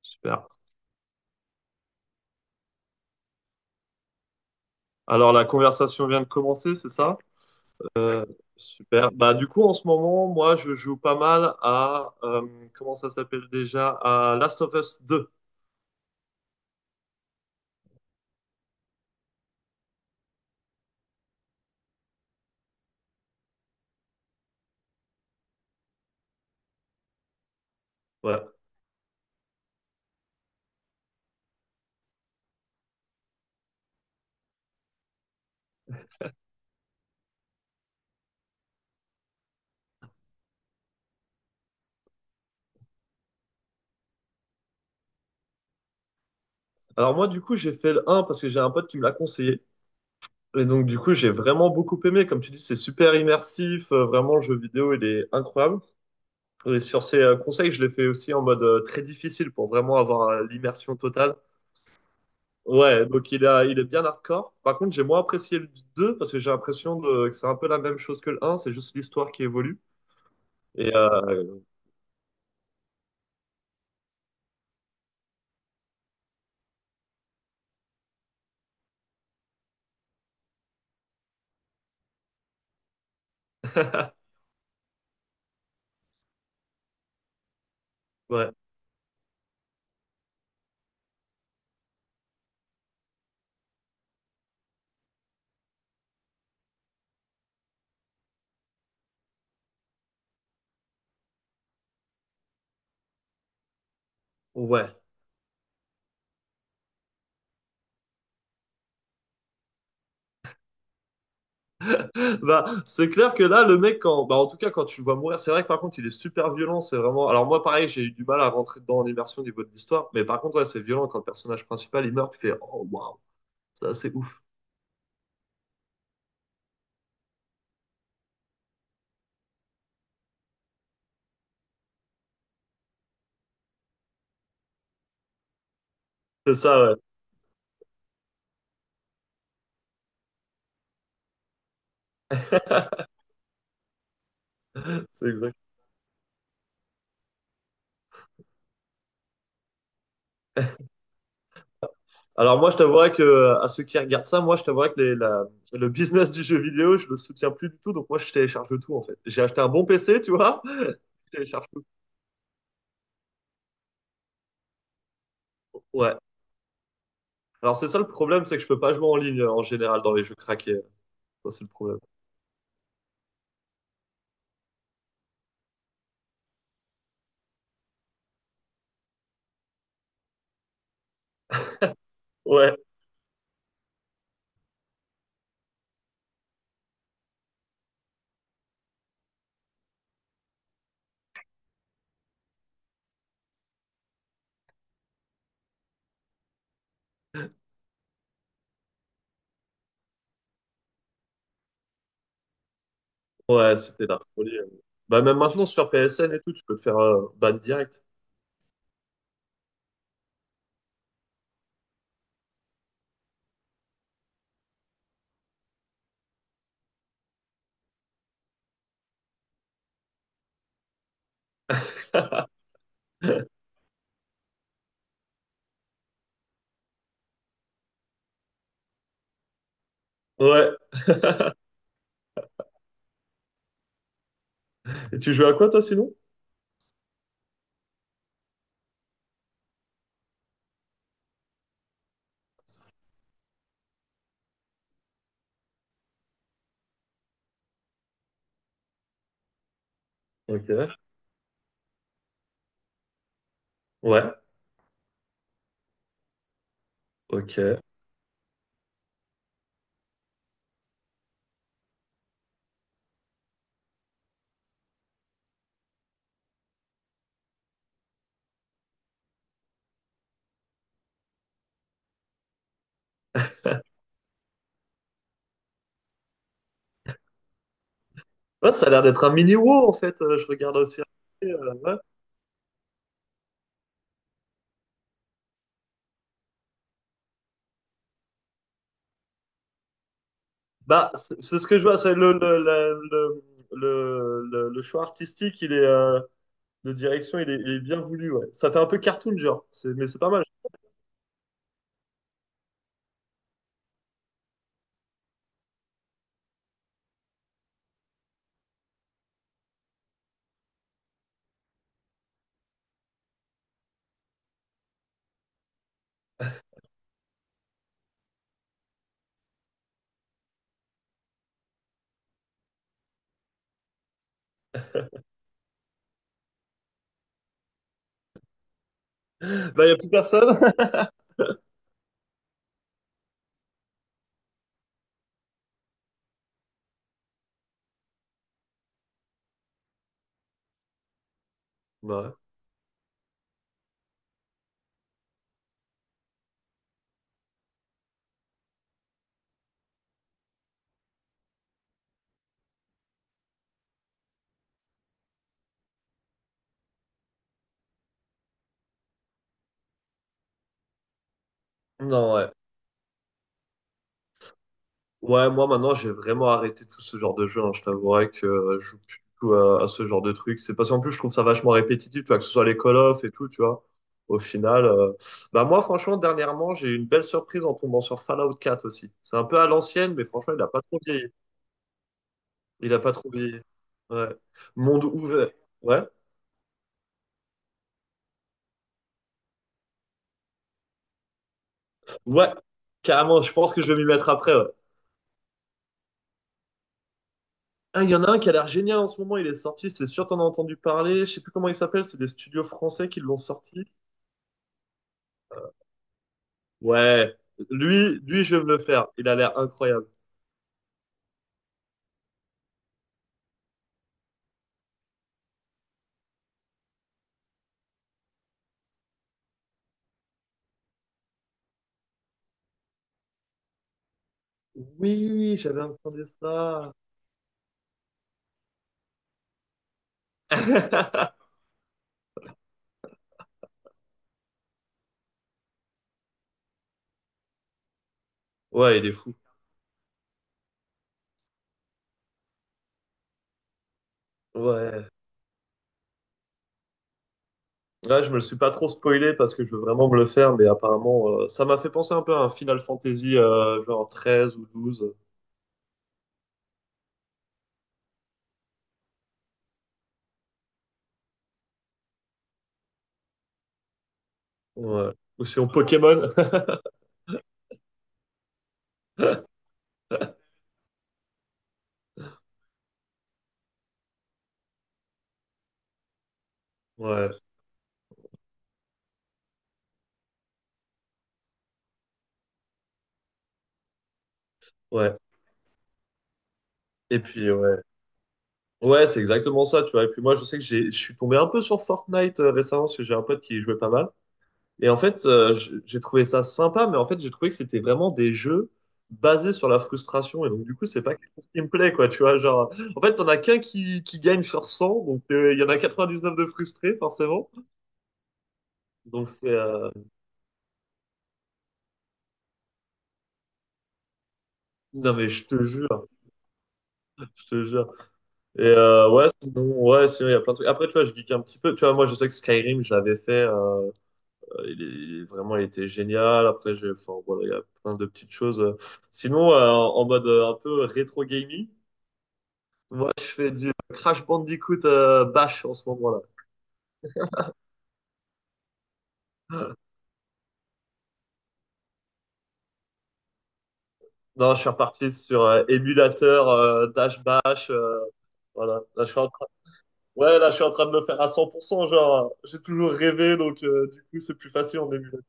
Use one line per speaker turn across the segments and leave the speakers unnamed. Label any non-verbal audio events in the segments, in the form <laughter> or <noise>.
Super. Alors, la conversation vient de commencer, c'est ça? Euh, super. Bah, du coup, en ce moment, moi, je joue pas mal à, comment ça s'appelle déjà? À Last of Us 2. Ouais. Alors, moi, du coup, j'ai fait le 1 parce que j'ai un pote qui me l'a conseillé. Et donc, du coup, j'ai vraiment beaucoup aimé. Comme tu dis, c'est super immersif. Vraiment, le jeu vidéo, il est incroyable. Et sur ces conseils, je l'ai fait aussi en mode très difficile pour vraiment avoir l'immersion totale. Ouais, donc il est bien hardcore. Par contre, j'ai moins apprécié le 2 parce que j'ai l'impression que c'est un peu la même chose que le un, c'est juste l'histoire qui évolue. Et <laughs> ouais, ouais. Bah, c'est clair que là, le mec, quand, bah, en tout cas, quand tu le vois mourir, c'est vrai que par contre, il est super violent. C'est vraiment. Alors, moi, pareil, j'ai eu du mal à rentrer dedans en immersion au niveau de l'histoire. Mais par contre, ouais, c'est violent quand le personnage principal il meurt, tu fais oh waouh, ça c'est ouf. C'est ça, ouais. <laughs> C'est exact. Alors moi, je t'avouerais que à ceux qui regardent ça, moi, je t'avouerais que le business du jeu vidéo, je le soutiens plus du tout. Donc moi, je télécharge tout en fait. J'ai acheté un bon PC, tu vois. <laughs> Je télécharge tout. Ouais. Alors c'est ça le problème, c'est que je peux pas jouer en ligne en général dans les jeux craqués. Ça c'est le problème. Ouais. Ouais, c'était la folie. Bah même maintenant sur PSN et tout, tu peux te faire ban direct. <laughs> Ouais. <laughs> Et tu joues à quoi toi sinon? Ok. Ouais. Ok. Ouais, ça a l'air d'être un mini WoW en fait. Je regarde aussi. Ouais. Bah, c'est ce que je vois, c'est le choix artistique, il est de direction, il est bien voulu, ouais. Ça fait un peu cartoon, genre, c'est, mais c'est pas mal. Là, il n'y a plus personne. <laughs> Ouais. Non, ouais. Ouais, moi maintenant j'ai vraiment arrêté tout ce genre de jeu. Hein. Je t'avouerai que je joue plus du tout à ce genre de truc. C'est parce qu'en plus je trouve ça vachement répétitif, tu vois, que ce soit les Call of et tout, tu vois. Au final, bah moi franchement dernièrement j'ai eu une belle surprise en tombant sur Fallout 4 aussi. C'est un peu à l'ancienne, mais franchement il a pas trop vieilli. Il a pas trouvé. Ouais. Monde ouvert. Ouais. Ouais. Carrément, je pense que je vais m'y mettre après. Ouais. Ah, il y en a un qui a l'air génial en ce moment. Il est sorti, c'est sûr, t'en as entendu parler. Je sais plus comment il s'appelle. C'est des studios français qui l'ont sorti. Ouais. Lui, je vais me le faire. Il a l'air incroyable. Oui, j'avais entendu ça. <laughs> Ouais, il est fou. Ouais. Là, je me le suis pas trop spoilé parce que je veux vraiment me le faire, mais apparemment, ça m'a fait penser un peu à un Final Fantasy, genre 13 ou 12. Ouais. Ou sinon Pokémon. <laughs> Ouais, ouais. Et puis, ouais. Ouais, c'est exactement ça, tu vois. Et puis moi, je sais que je suis tombé un peu sur Fortnite récemment parce que j'ai un pote qui y jouait pas mal. Et en fait, j'ai trouvé ça sympa, mais en fait, j'ai trouvé que c'était vraiment des jeux basés sur la frustration. Et donc, du coup, c'est pas quelque chose qui me plaît, quoi, tu vois. Genre, en fait, t'en as qu'un qui gagne sur 100, donc il y en a 99 de frustrés, forcément. Donc, non, mais je te jure, je te jure. Et ouais, sinon, il y a plein de trucs. Après, tu vois, je geek un petit peu. Tu vois, moi, je sais que Skyrim, je l'avais fait. Vraiment, il était génial. Après, enfin, voilà, il y a plein de petites choses. Sinon, en mode un peu rétro gaming, moi, je fais du Crash Bandicoot Bash en ce moment-là. <laughs> Non, je suis reparti sur émulateur Dash Bash. Voilà, là, je suis en train. Ouais, là, je suis en train de me faire à 100%. Genre, j'ai toujours rêvé, donc du coup, c'est plus facile en émulateur.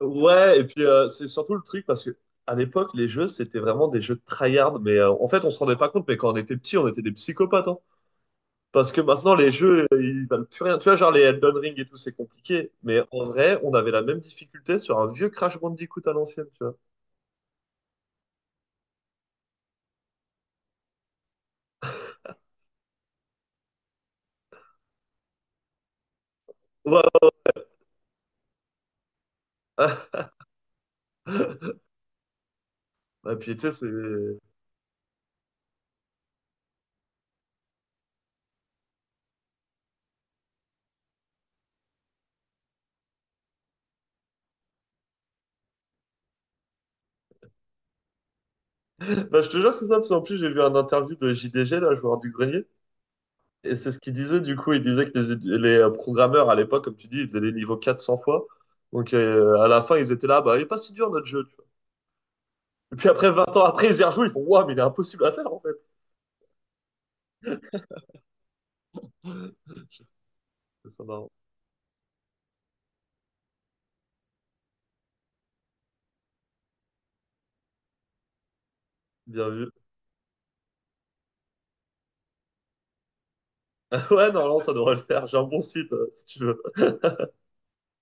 Ouais, et puis c'est surtout le truc parce que à l'époque, les jeux, c'était vraiment des jeux de tryhard. Mais en fait, on se rendait pas compte, mais quand on était petit, on était des psychopathes. Hein. Parce que maintenant, les jeux, ils valent plus rien. Tu vois, genre les Elden Ring et tout, c'est compliqué. Mais en vrai, on avait la même difficulté sur un vieux Crash Bandicoot à l'ancienne, tu vois. Ouais. <laughs> Et puis, tu sais, c'est. Bah, je te jure, c'est ça, parce qu'en plus, j'ai vu un interview de JDG, là, joueur du grenier. Et c'est ce qu'il disait, du coup, il disait que les programmeurs à l'époque, comme tu dis, ils faisaient les niveaux 400 fois. Donc à la fin, ils étaient là, bah, il est pas si dur notre jeu, tu vois. Et puis après 20 ans après, ils y rejouent, ils font, waouh, mais il est impossible à faire en fait. <laughs> C'est ça marrant. Bien vu. <laughs> Ouais, non, non, ça devrait le faire. J'ai un bon site, si tu veux.